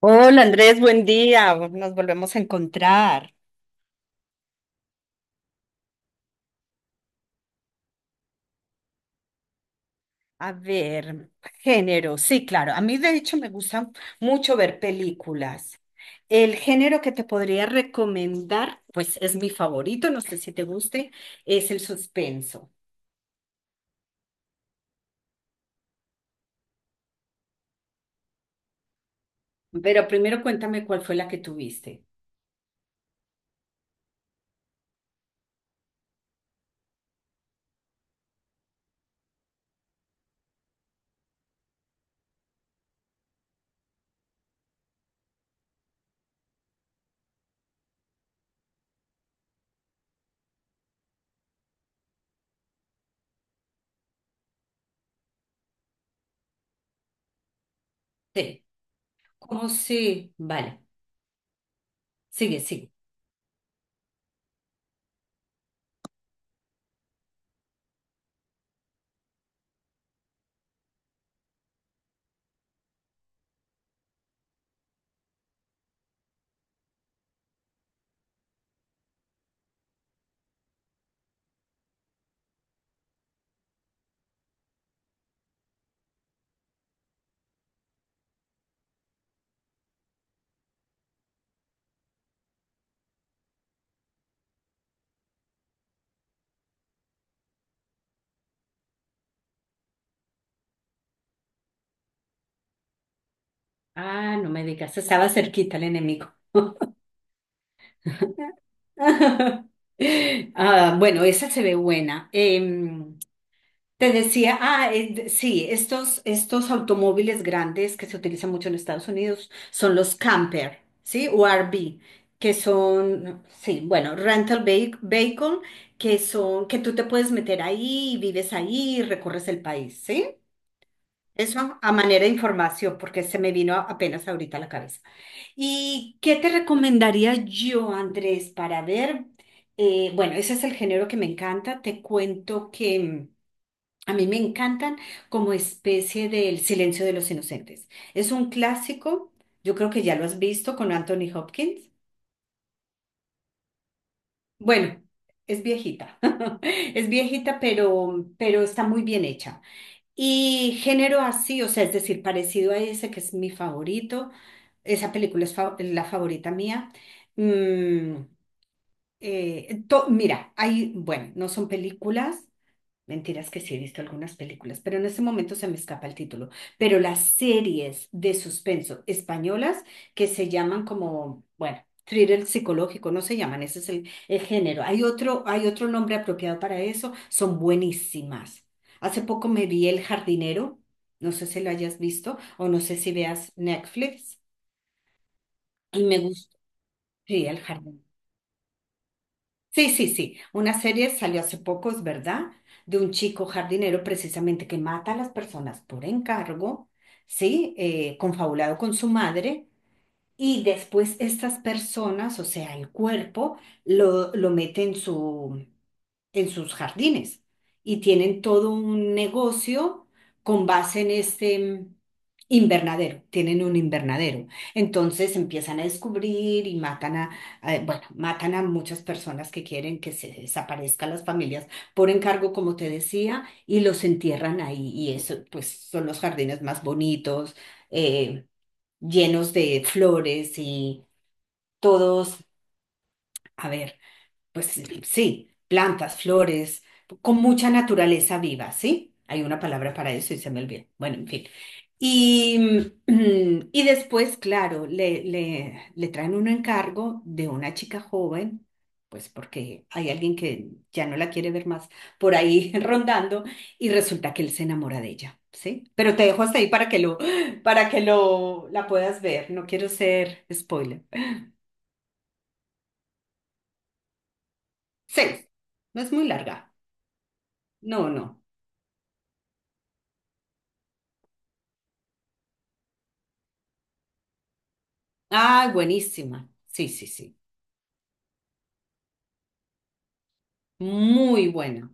Hola Andrés, buen día. Nos volvemos a encontrar. A ver, género. Sí, claro. A mí de hecho me gusta mucho ver películas. El género que te podría recomendar, pues es mi favorito, no sé si te guste, es el suspenso. Pero primero cuéntame cuál fue la que tuviste. Sí. ¿Cómo sí? Vale. Sigue. Ah, no me digas, estaba cerquita el enemigo. Ah, bueno, esa se ve buena. Te decía, sí, estos automóviles grandes que se utilizan mucho en Estados Unidos son los camper, ¿sí? O RV, que son, sí, bueno, rental vehi- vehicle, que son, que tú te puedes meter ahí, vives ahí, recorres el país, ¿sí? Eso a manera de información, porque se me vino apenas ahorita a la cabeza. ¿Y qué te recomendaría yo, Andrés, para ver? Bueno, ese es el género que me encanta. Te cuento que... a mí me encantan como especie del Silencio de los Inocentes. Es un clásico, yo creo que ya lo has visto con Anthony Hopkins. Bueno, es viejita, es viejita, pero está muy bien hecha. Y género así, o sea, es decir, parecido a ese que es mi favorito. Esa película es fa- la favorita mía. Mm, to- mira, hay, bueno, no son películas. Mentiras que sí he visto algunas películas, pero en este momento se me escapa el título. Pero las series de suspenso españolas que se llaman como, bueno, thriller psicológico, no se llaman, ese es el género. Hay otro nombre apropiado para eso, son buenísimas. Hace poco me vi El Jardinero, no sé si lo hayas visto o no sé si veas Netflix, y me gustó, sí, El Jardinero. Sí, sí, sí. Una serie salió hace poco, es verdad, de un chico jardinero precisamente que mata a las personas por encargo, ¿sí? Confabulado con su madre y después estas personas, o sea, el cuerpo, lo mete en su, en sus jardines y tienen todo un negocio con base en este invernadero, tienen un invernadero. Entonces empiezan a descubrir y matan a- bueno, matan a muchas personas que quieren que se desaparezcan las familias por encargo, como te decía, y los entierran ahí. Y eso, pues, son los jardines más bonitos. eh, llenos de flores y todos, a ver. Pues sí, plantas, flores, con mucha naturaleza viva, ¿sí? Hay una palabra para eso y se me olvidó. Bueno, en fin. Y, y después, claro, le traen un encargo de una chica joven, pues porque hay alguien que ya no la quiere ver más por ahí rondando y resulta que él se enamora de ella, ¿sí? Pero te dejo hasta ahí para que lo, la puedas ver. No quiero ser spoiler. Seis. No es muy larga. No, no. Ah, buenísima. Sí, sí, sí. Muy buena.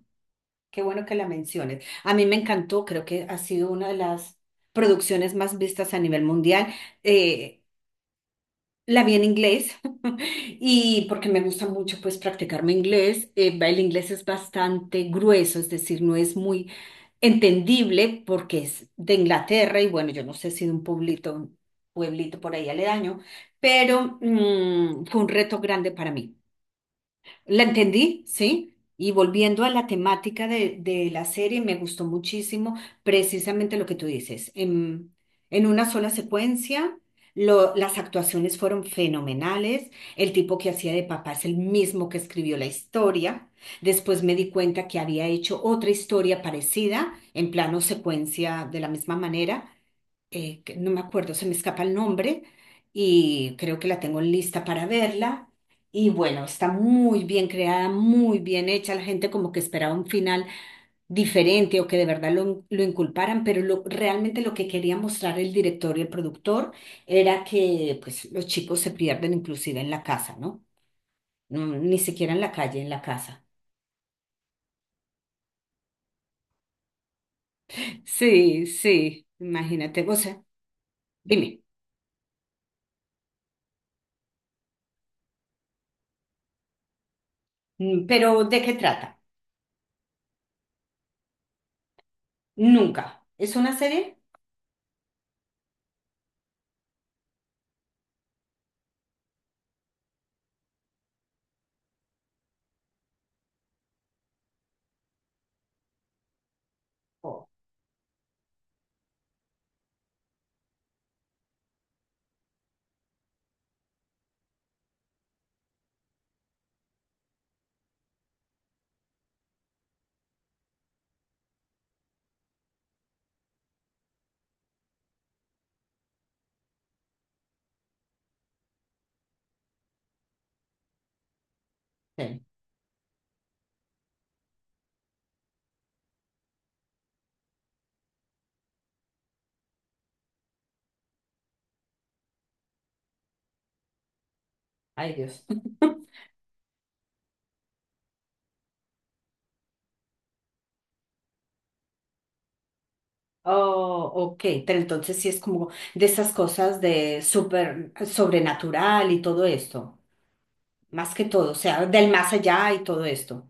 Qué bueno que la menciones. A mí me encantó, creo que ha sido una de las producciones más vistas a nivel mundial. Eh, la vi en inglés y porque me gusta mucho pues practicar mi inglés. El inglés es bastante grueso, es decir, no es muy entendible porque es de Inglaterra y bueno, yo no sé si de un pueblito, pueblito por ahí aledaño, pero fue un reto grande para mí. La entendí, sí. Y volviendo a la temática de la serie, me gustó muchísimo precisamente lo que tú dices. En una sola secuencia, lo- las actuaciones fueron fenomenales. El tipo que hacía de papá es el mismo que escribió la historia. Después me di cuenta que había hecho otra historia parecida en plano secuencia de la misma manera que no me acuerdo, se me escapa el nombre y creo que la tengo lista para verla. Y bueno, está muy bien creada, muy bien hecha. La gente como que esperaba un final diferente o que de verdad lo inculparan, pero lo- realmente lo que quería mostrar el director y el productor era que pues los chicos se pierden inclusive en la casa, ¿no? No, ni siquiera en la calle, en la casa. Sí, sí, imagínate, o sea, dime, pero ¿de qué trata? Nunca. ¿Es una serie? Sí. Ay, Dios. Oh, ok, pero entonces sí es como de esas cosas de súper sobrenatural y todo esto, más que todo, o sea, del más allá y todo esto.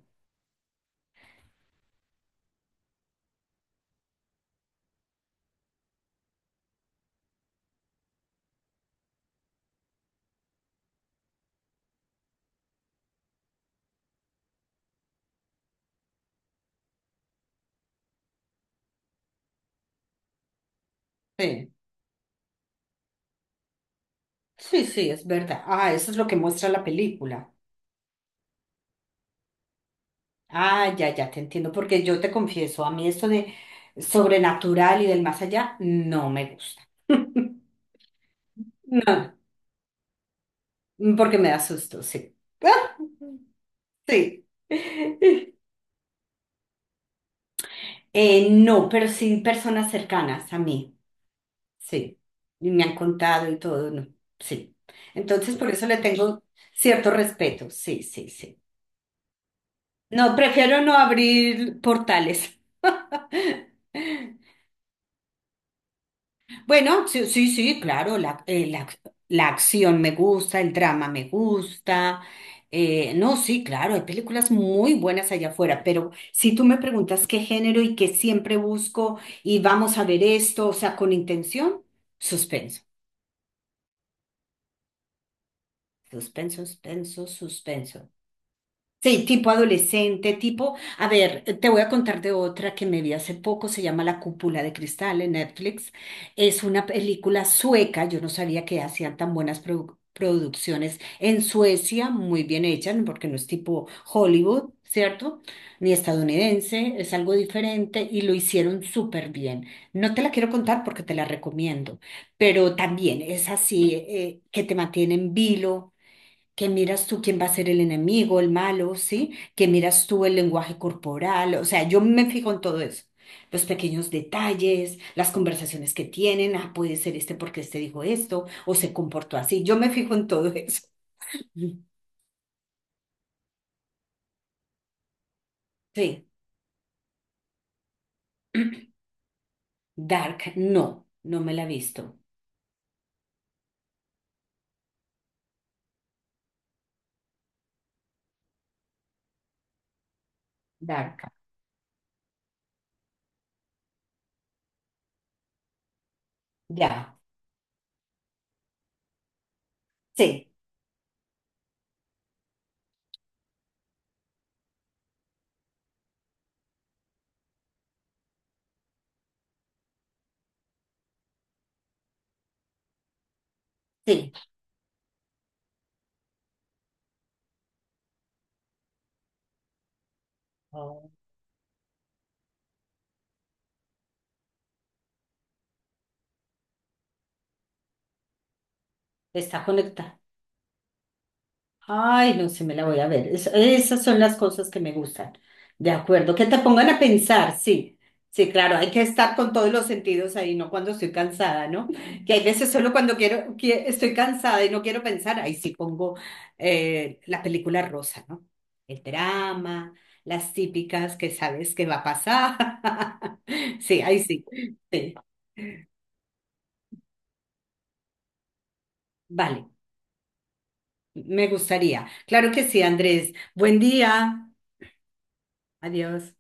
Sí, sí, sí, es verdad. Ah, eso es lo que muestra la película. Ah, ya, ya te entiendo, porque yo te confieso, a mí esto de sobrenatural y del más allá no me gusta. No, porque me da susto, sí. Sí. No, pero sí personas cercanas a mí, sí. Y me han contado y todo, no, sí. Entonces, por eso le tengo cierto respeto, sí, sí, sí. No, prefiero no abrir portales. Bueno, sí, sí, sí, claro, la acción me gusta, el drama me gusta. No, sí, claro, hay películas muy buenas allá afuera, pero si tú me preguntas qué género y que siempre busco y vamos a ver esto, o sea, con intención, suspenso, suspenso, suspenso, suspenso. Sí, tipo adolescente, tipo, a ver, te voy a contar de otra que me vi hace poco, se llama La Cúpula de Cristal en Netflix. Es una película sueca, yo no sabía que hacían tan buenas produ- producciones en Suecia, muy bien hechas, porque no es tipo Hollywood, ¿cierto? Ni estadounidense, es algo diferente y lo hicieron súper bien. No te la quiero contar porque te la recomiendo, pero también es así, que te mantiene en vilo que miras tú quién va a ser el enemigo, el malo, ¿sí? Que miras tú el lenguaje corporal, o sea, yo me fijo en todo eso. Los pequeños detalles, las conversaciones que tienen, ah, puede ser este porque este dijo esto o se comportó así. Yo me fijo en todo eso. Sí, Dark, no, no me la he visto. Dark. Ya, sí, sí. Oh. Está conectada. Ay, no sé, me la voy a ver. Es- esas son las cosas que me gustan. De acuerdo, que te pongan a pensar, sí. Sí, claro, hay que estar con todos los sentidos ahí, no cuando estoy cansada, ¿no? Que hay veces solo cuando quiero, que estoy cansada y no quiero pensar, ahí sí pongo la película rosa, ¿no? El drama, las típicas que sabes que va a pasar. Sí, ahí sí. Sí, vale, me gustaría. Claro que sí, Andrés. Buen día. Adiós.